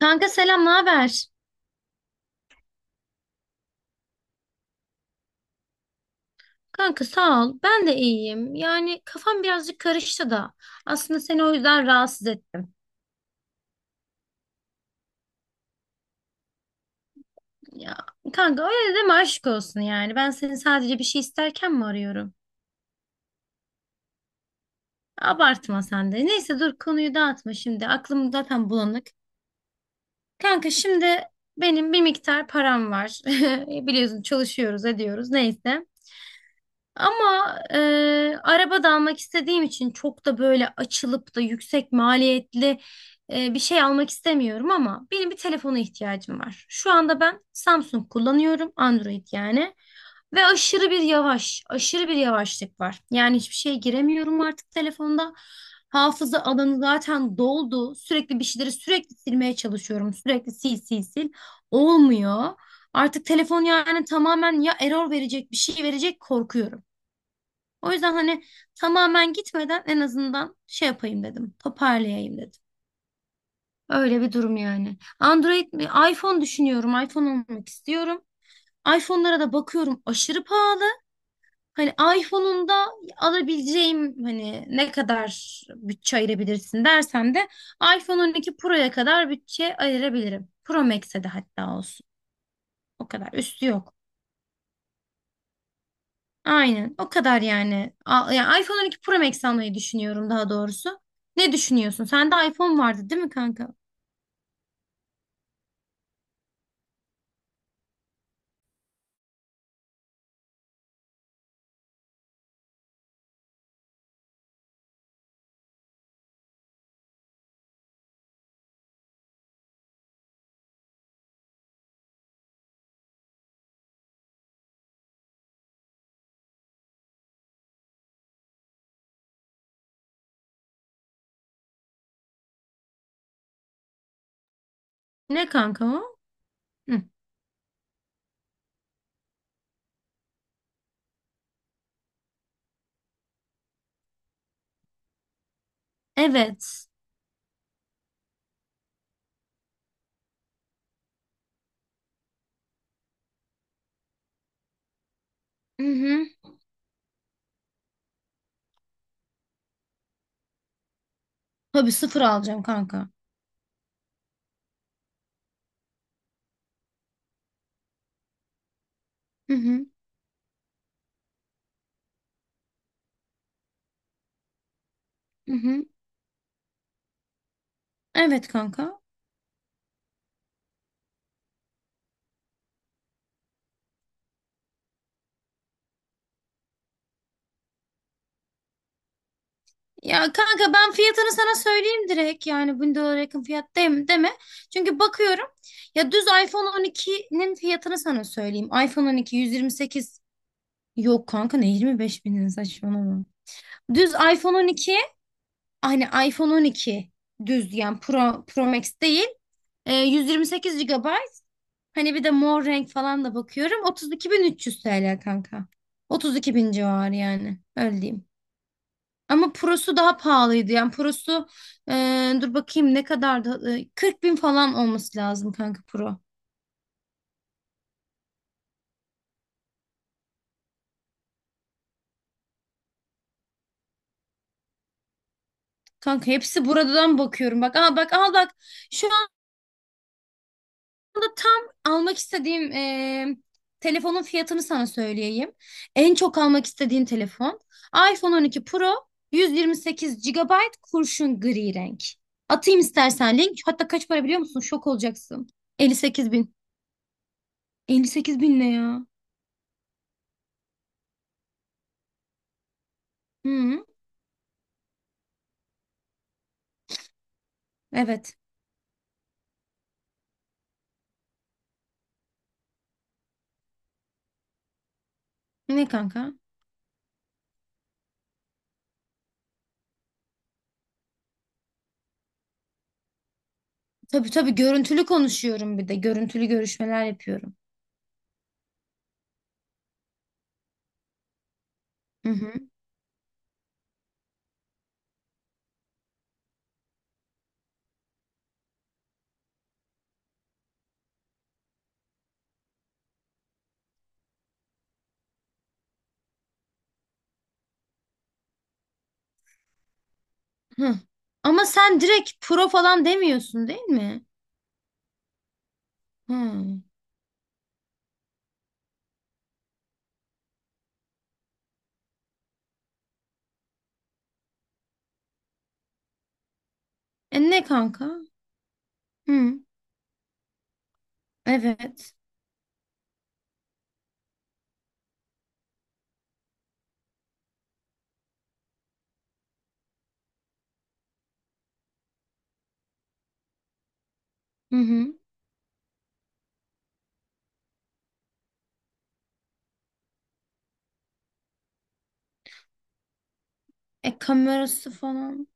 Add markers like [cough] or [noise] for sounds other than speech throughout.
Kanka selam, ne haber? Kanka sağ ol. Ben de iyiyim. Yani kafam birazcık karıştı da. Aslında seni o yüzden rahatsız ettim. Ya kanka öyle deme aşk olsun yani. Ben seni sadece bir şey isterken mi arıyorum? Abartma sen de. Neyse dur konuyu dağıtma şimdi. Aklım zaten bulanık. Kanka şimdi benim bir miktar param var. [laughs] Biliyorsun çalışıyoruz ediyoruz neyse. Ama araba da almak istediğim için çok da böyle açılıp da yüksek maliyetli bir şey almak istemiyorum ama benim bir telefona ihtiyacım var. Şu anda ben Samsung kullanıyorum, Android yani. Ve aşırı bir yavaş, aşırı bir yavaşlık var. Yani hiçbir şeye giremiyorum artık telefonda. Hafıza alanı zaten doldu. Sürekli bir şeyleri sürekli silmeye çalışıyorum. Sürekli sil sil sil. Olmuyor. Artık telefon yani tamamen ya error verecek bir şey verecek korkuyorum. O yüzden hani tamamen gitmeden en azından şey yapayım dedim. Toparlayayım dedim. Öyle bir durum yani. Android mi? iPhone düşünüyorum. iPhone almak istiyorum. iPhone'lara da bakıyorum aşırı pahalı. Hani iPhone'un da alabileceğim hani ne kadar bütçe ayırabilirsin dersen de iPhone 12 Pro'ya kadar bütçe ayırabilirim. Pro Max'e de hatta olsun. O kadar üstü yok. Aynen. O kadar yani. Ya iPhone 12 Pro Max almayı düşünüyorum daha doğrusu. Ne düşünüyorsun? Sende iPhone vardı değil mi kanka? Ne kanka o? Hı. Evet. Hı hı. Tabii sıfır alacağım kanka. Hı hı. Hı hı. Evet kanka. Ya kanka ben fiyatını sana söyleyeyim direkt. Yani 1000 dolara yakın fiyat değil, deme. Çünkü bakıyorum. Ya düz iPhone 12'nin fiyatını sana söyleyeyim. iPhone 12 128. Yok kanka ne 25 binin saçmalama. Düz iPhone 12 hani iPhone 12 düz yani Pro, Pro Max değil. 128 GB. Hani bir de mor renk falan da bakıyorum. 32.300 TL kanka. 32.000 civarı yani. Öyle diyeyim. Ama Pro'su daha pahalıydı. Yani Pro'su e, dur bakayım ne kadardı? E, 40 bin falan olması lazım kanka Pro. Kanka hepsi buradan bakıyorum. Bak al bak al bak. Şu anda tam almak istediğim telefonun fiyatını sana söyleyeyim. En çok almak istediğim telefon iPhone 12 Pro 128 GB kurşun gri renk. Atayım istersen link. Hatta kaç para biliyor musun? Şok olacaksın. 58 bin. 58 bin ne ya? Hı, evet. Ne kanka? Tabii tabii görüntülü konuşuyorum bir de. Görüntülü görüşmeler yapıyorum. Hı hı. Hı. Ama sen direkt pro falan demiyorsun değil mi? Hı. E ne kanka? Hı. Evet. Hı hı. E kamerası falan.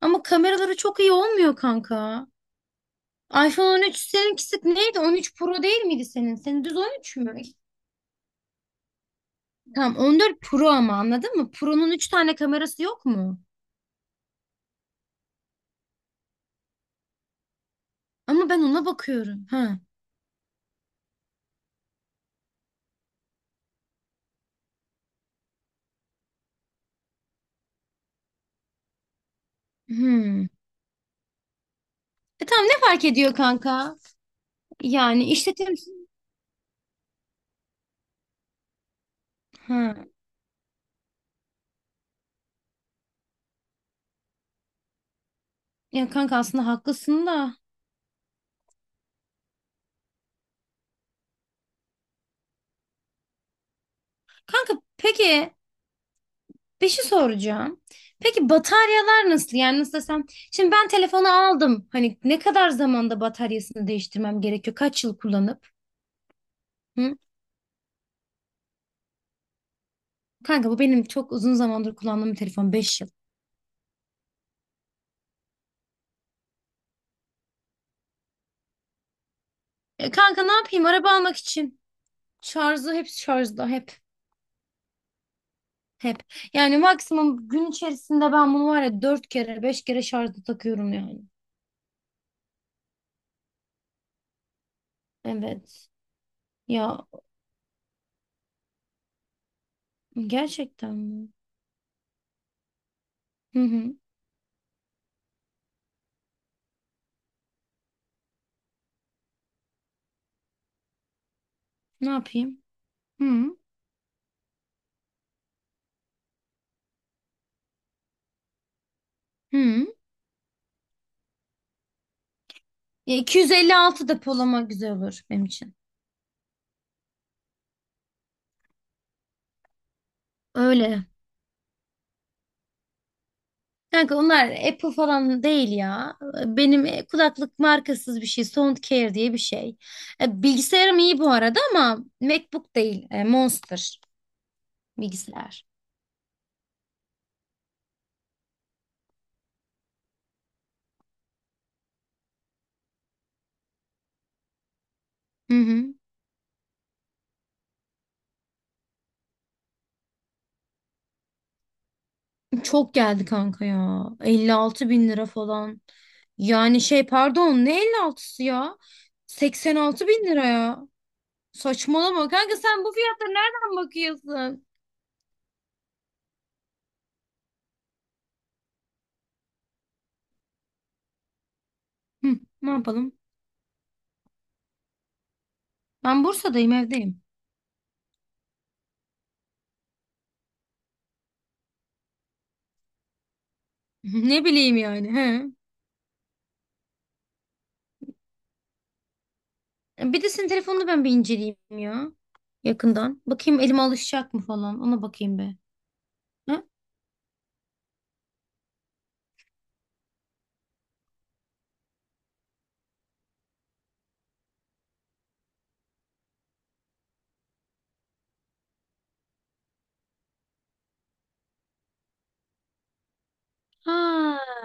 Ama kameraları çok iyi olmuyor kanka. iPhone 13 seninkisi neydi? 13 Pro değil miydi senin? Senin düz 13 mü? Tamam 14 Pro ama anladın mı? Pro'nun 3 tane kamerası yok mu? Ama ben ona bakıyorum. Ha. Hmm. E tamam ne fark ediyor kanka? Yani işletim... Ha. Ya kanka aslında haklısın da. Kanka peki, bir şey soracağım. Peki bataryalar nasıl? Yani nasıl desem? Şimdi ben telefonu aldım. Hani ne kadar zamanda bataryasını değiştirmem gerekiyor? Kaç yıl kullanıp? Hı? Kanka bu benim çok uzun zamandır kullandığım bir telefon. 5 yıl. E, kanka ne yapayım? Araba almak için. Şarjı hep şarjda. Hep. Hep. Yani maksimum gün içerisinde ben bunu var ya 4 kere 5 kere şarjda takıyorum yani. Evet. Ya gerçekten mi? Hı hı. Ne yapayım? Hı hı. Ya 256 depolama güzel olur benim için. Öyle. Kanka onlar Apple falan değil ya. Benim kulaklık markasız bir şey. Soundcare diye bir şey. Bilgisayarım iyi bu arada ama MacBook değil. Monster bilgisayar. Hı hı. Çok geldi kanka ya. 56 bin lira falan. Yani şey pardon ne 56'sı ya? 86 bin lira ya. Saçmalama kanka sen bu fiyatlara nereden bakıyorsun? Hı, ne yapalım? Ben Bursa'dayım evdeyim. [laughs] Ne bileyim yani. He. Bir de senin telefonunu ben bir inceleyeyim ya. Yakından. Bakayım elime alışacak mı falan. Ona bakayım be. Ha? Ha.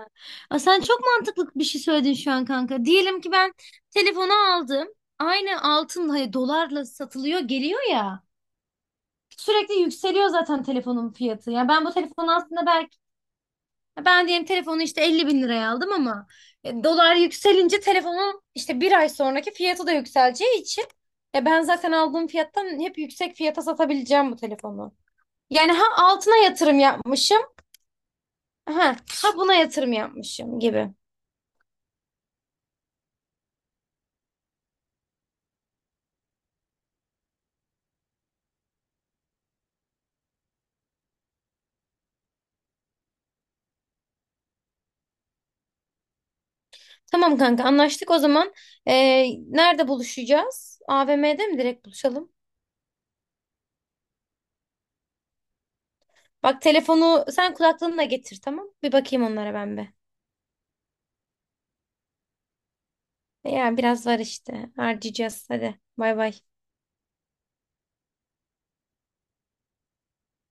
Aa, sen çok mantıklı bir şey söyledin şu an kanka. Diyelim ki ben telefonu aldım. Aynı altın hani dolarla satılıyor geliyor ya. Sürekli yükseliyor zaten telefonun fiyatı. Yani ben bu telefonu aslında. Ya ben diyelim telefonu işte 50 bin liraya aldım ama dolar yükselince telefonun işte bir ay sonraki fiyatı da yükseleceği için ben zaten aldığım fiyattan hep yüksek fiyata satabileceğim bu telefonu. Yani ha altına yatırım yapmışım ha, ha buna yatırım yapmışım gibi. Tamam kanka anlaştık o zaman. E, nerede buluşacağız? AVM'de mi direkt buluşalım? Bak telefonu sen kulaklığını da getir tamam. Bir bakayım onlara ben be. Ya biraz var işte harcayacağız hadi bay bay.